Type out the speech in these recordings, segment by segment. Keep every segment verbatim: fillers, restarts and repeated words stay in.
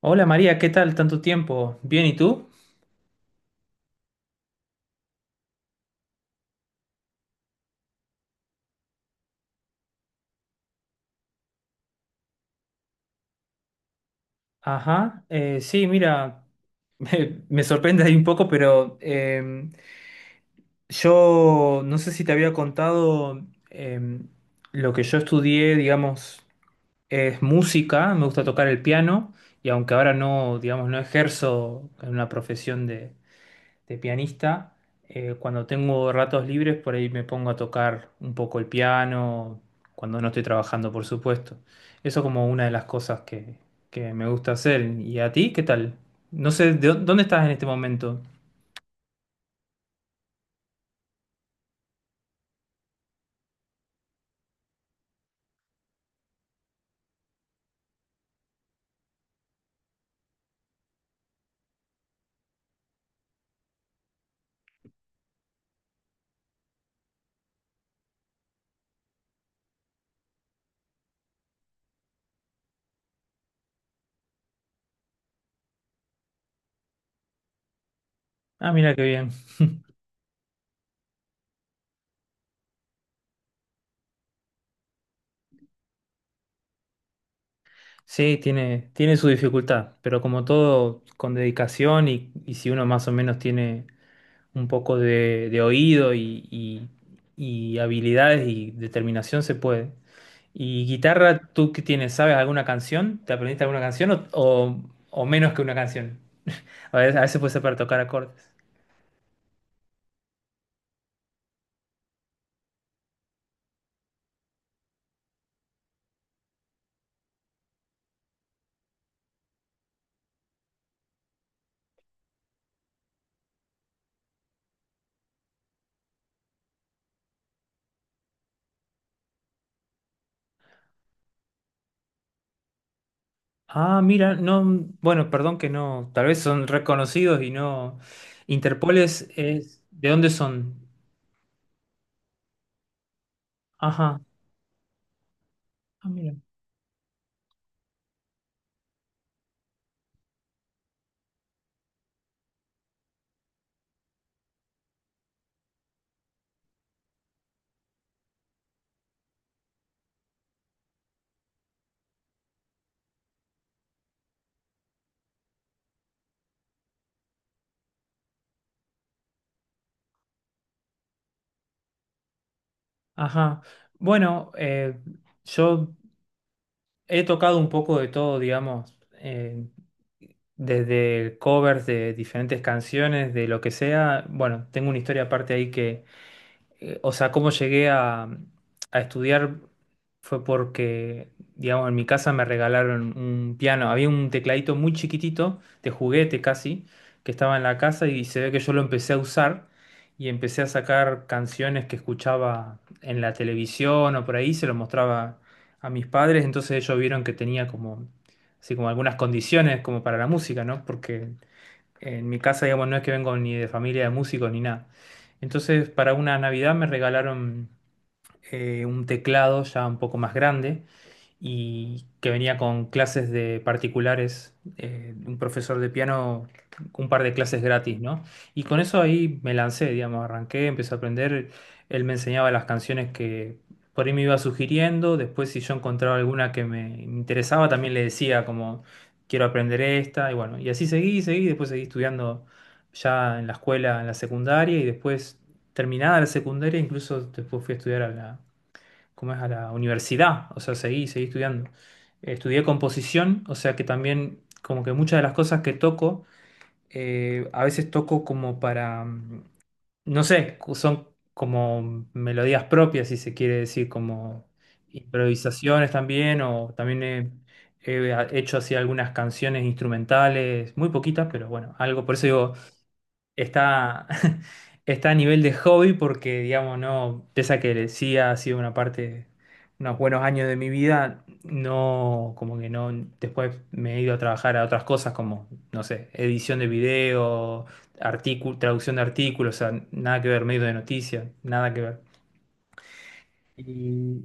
Hola María, ¿qué tal? Tanto tiempo. ¿Bien y tú? Ajá, eh, sí, mira, me, me sorprende ahí un poco, pero em, yo no sé si te había contado em, lo que yo estudié, digamos, es música, me gusta tocar el piano y aunque ahora no, digamos, no ejerzo en una profesión de de pianista. Eh, cuando tengo ratos libres, por ahí me pongo a tocar un poco el piano, cuando no estoy trabajando, por supuesto. Eso como una de las cosas que, que me gusta hacer. ¿Y a ti qué tal? No sé, ¿de dó- dónde estás en este momento? Ah, mira qué bien. Sí, tiene, tiene su dificultad, pero como todo, con dedicación y, y si uno más o menos tiene un poco de, de oído y, y- y habilidades y determinación, se puede. ¿Y guitarra, tú qué tienes? ¿Sabes alguna canción? ¿Te aprendiste alguna canción o, o- o menos que una canción? A veces, a veces puede ser para tocar acordes. Ah, mira, no, bueno, perdón que no, tal vez son reconocidos y no. Interpoles es, ¿de dónde son? Ajá. Ah, mira. Ajá. Bueno, eh, yo he tocado un poco de todo, digamos, eh, desde covers de diferentes canciones, de lo que sea. Bueno, tengo una historia aparte ahí eh, o sea, cómo llegué a, a estudiar fue porque, digamos, en mi casa me regalaron un piano. Había un tecladito muy chiquitito, de juguete casi, que estaba en la casa y se ve que yo lo empecé a usar y empecé a sacar canciones que escuchaba en la televisión o por ahí, se lo mostraba a mis padres, entonces ellos vieron que tenía como, así como algunas condiciones como para la música, ¿no? Porque en mi casa, digamos, no es que vengo ni de familia de músicos ni nada. Entonces, para una Navidad me regalaron eh, un teclado ya un poco más grande y que venía con clases de particulares, eh, un profesor de piano, un par de clases gratis, ¿no? Y con eso ahí me lancé, digamos, arranqué, empecé a aprender, él me enseñaba las canciones que por ahí me iba sugiriendo, después si yo encontraba alguna que me interesaba, también le decía como, quiero aprender esta, y bueno, y así seguí, seguí, después seguí estudiando ya en la escuela, en la secundaria, y después terminada la secundaria, incluso después fui a estudiar a la ¿cómo es? A la universidad, o sea, seguí, seguí estudiando. Eh, Estudié composición, o sea que también como que muchas de las cosas que toco, eh, a veces toco como para, mm, no sé, cu- son como melodías propias, si se quiere decir, como improvisaciones también, o también he, he hecho así algunas canciones instrumentales, muy poquitas, pero bueno, algo, por eso digo, está, está a nivel de hobby porque, digamos, no, pese a que sí ha sido una parte, unos buenos años de mi vida, no, como que no, después me he ido a trabajar a otras cosas como, no sé, edición de video, artículo, traducción de artículos, o sea, nada que ver, medio de noticias, nada que ver. Y,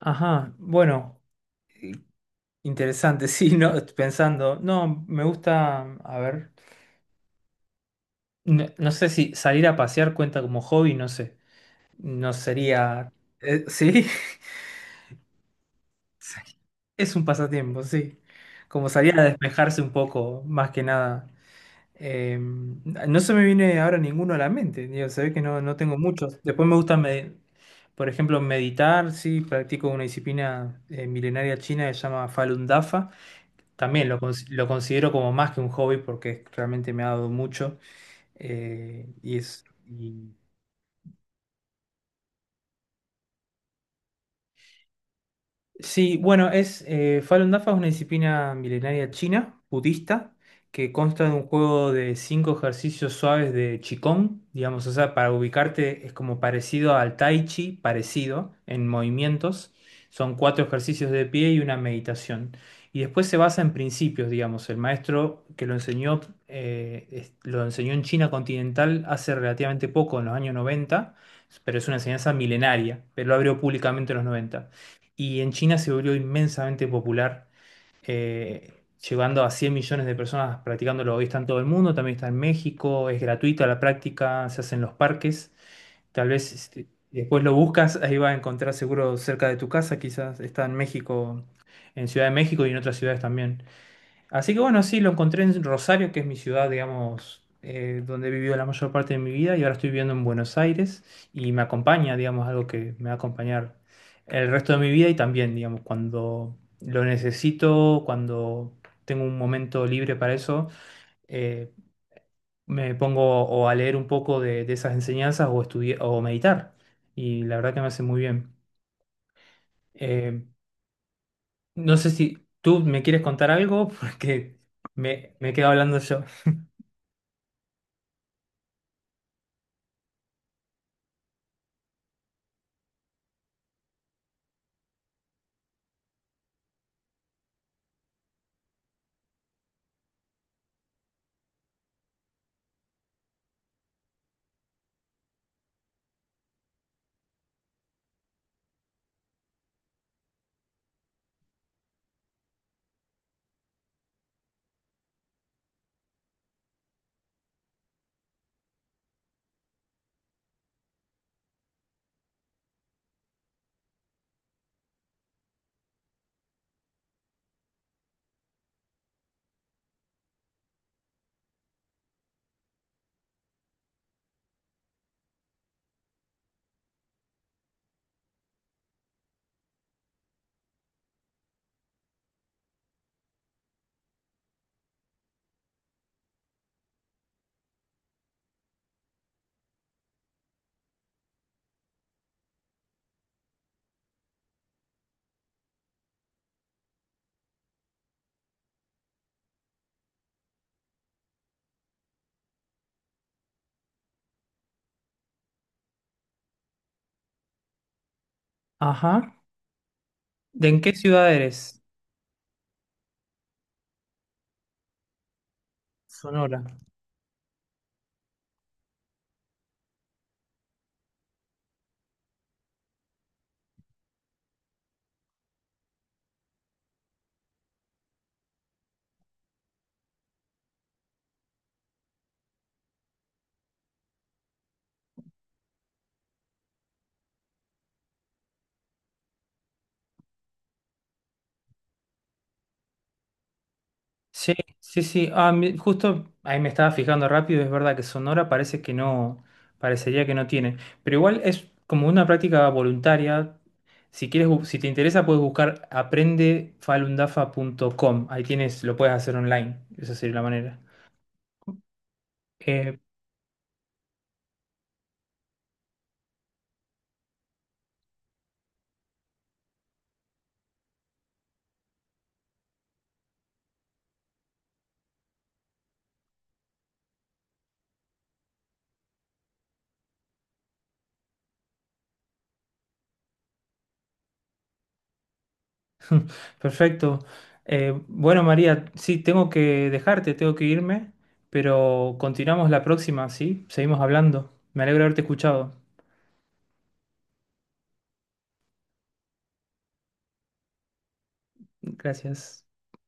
ajá, bueno, eh, interesante, sí, no, pensando, no, me gusta, a ver, no, no sé si salir a pasear cuenta como hobby, no sé. No sería... eh, sí, es un pasatiempo, sí. Como salir a despejarse un poco, más que nada. Eh, no se me viene ahora ninguno a la mente. Digo, se ve que no, no tengo muchos. Después me gusta, me- por ejemplo, meditar, sí. Practico una disciplina eh, milenaria china que se llama Falun Dafa. También lo, cons- lo considero como más que un hobby porque es- realmente me ha dado mucho. Eh, y es... Sí, bueno, es eh, Falun Dafa es una disciplina milenaria china, budista, que consta de un juego de cinco ejercicios suaves de Qigong, digamos, o sea, para ubicarte es como parecido al Tai Chi, parecido en movimientos. Son cuatro ejercicios de pie y una meditación. Y después se basa en principios, digamos. El maestro que lo enseñó, eh, es- lo enseñó en China continental hace relativamente poco, en los años noventa, pero es una enseñanza milenaria, pero lo abrió públicamente en los noventa y en China se volvió inmensamente popular, eh, llegando a cien millones de personas practicándolo. Hoy está en todo el mundo, también está en México, es gratuita la práctica, se hace en los parques. Tal vez este, después lo buscas, ahí vas a encontrar seguro cerca de tu casa, quizás está en México, en Ciudad de México y en otras ciudades también. Así que bueno, sí, lo encontré en Rosario, que es mi ciudad, digamos, eh, donde he vivido la mayor parte de mi vida, y ahora estoy viviendo en Buenos Aires y me acompaña, digamos, algo que me va a acompañar el resto de mi vida y también, digamos, cuando lo necesito, cuando tengo un momento libre para eso, eh, me pongo o a leer un poco de, de esas enseñanzas o estudiar o meditar. Y la verdad que me hace muy bien. Eh, no sé si tú me quieres contar algo, porque me, me quedo hablando yo. Ajá. ¿De en qué ciudad eres? Sonora. Sí, sí, sí. Ah, mi- justo ahí me estaba fijando rápido, es verdad que Sonora parece que no, parecería que no tiene. Pero igual es como una práctica voluntaria. Si quieres, bu- si te interesa, puedes buscar aprendefalundafa punto com. Ahí tienes, lo puedes hacer online. Esa sería la manera. Eh, perfecto. Eh, bueno, María, sí, tengo que dejarte, tengo que irme, pero continuamos la próxima, ¿sí? Seguimos hablando. Me alegro de haberte escuchado. Gracias.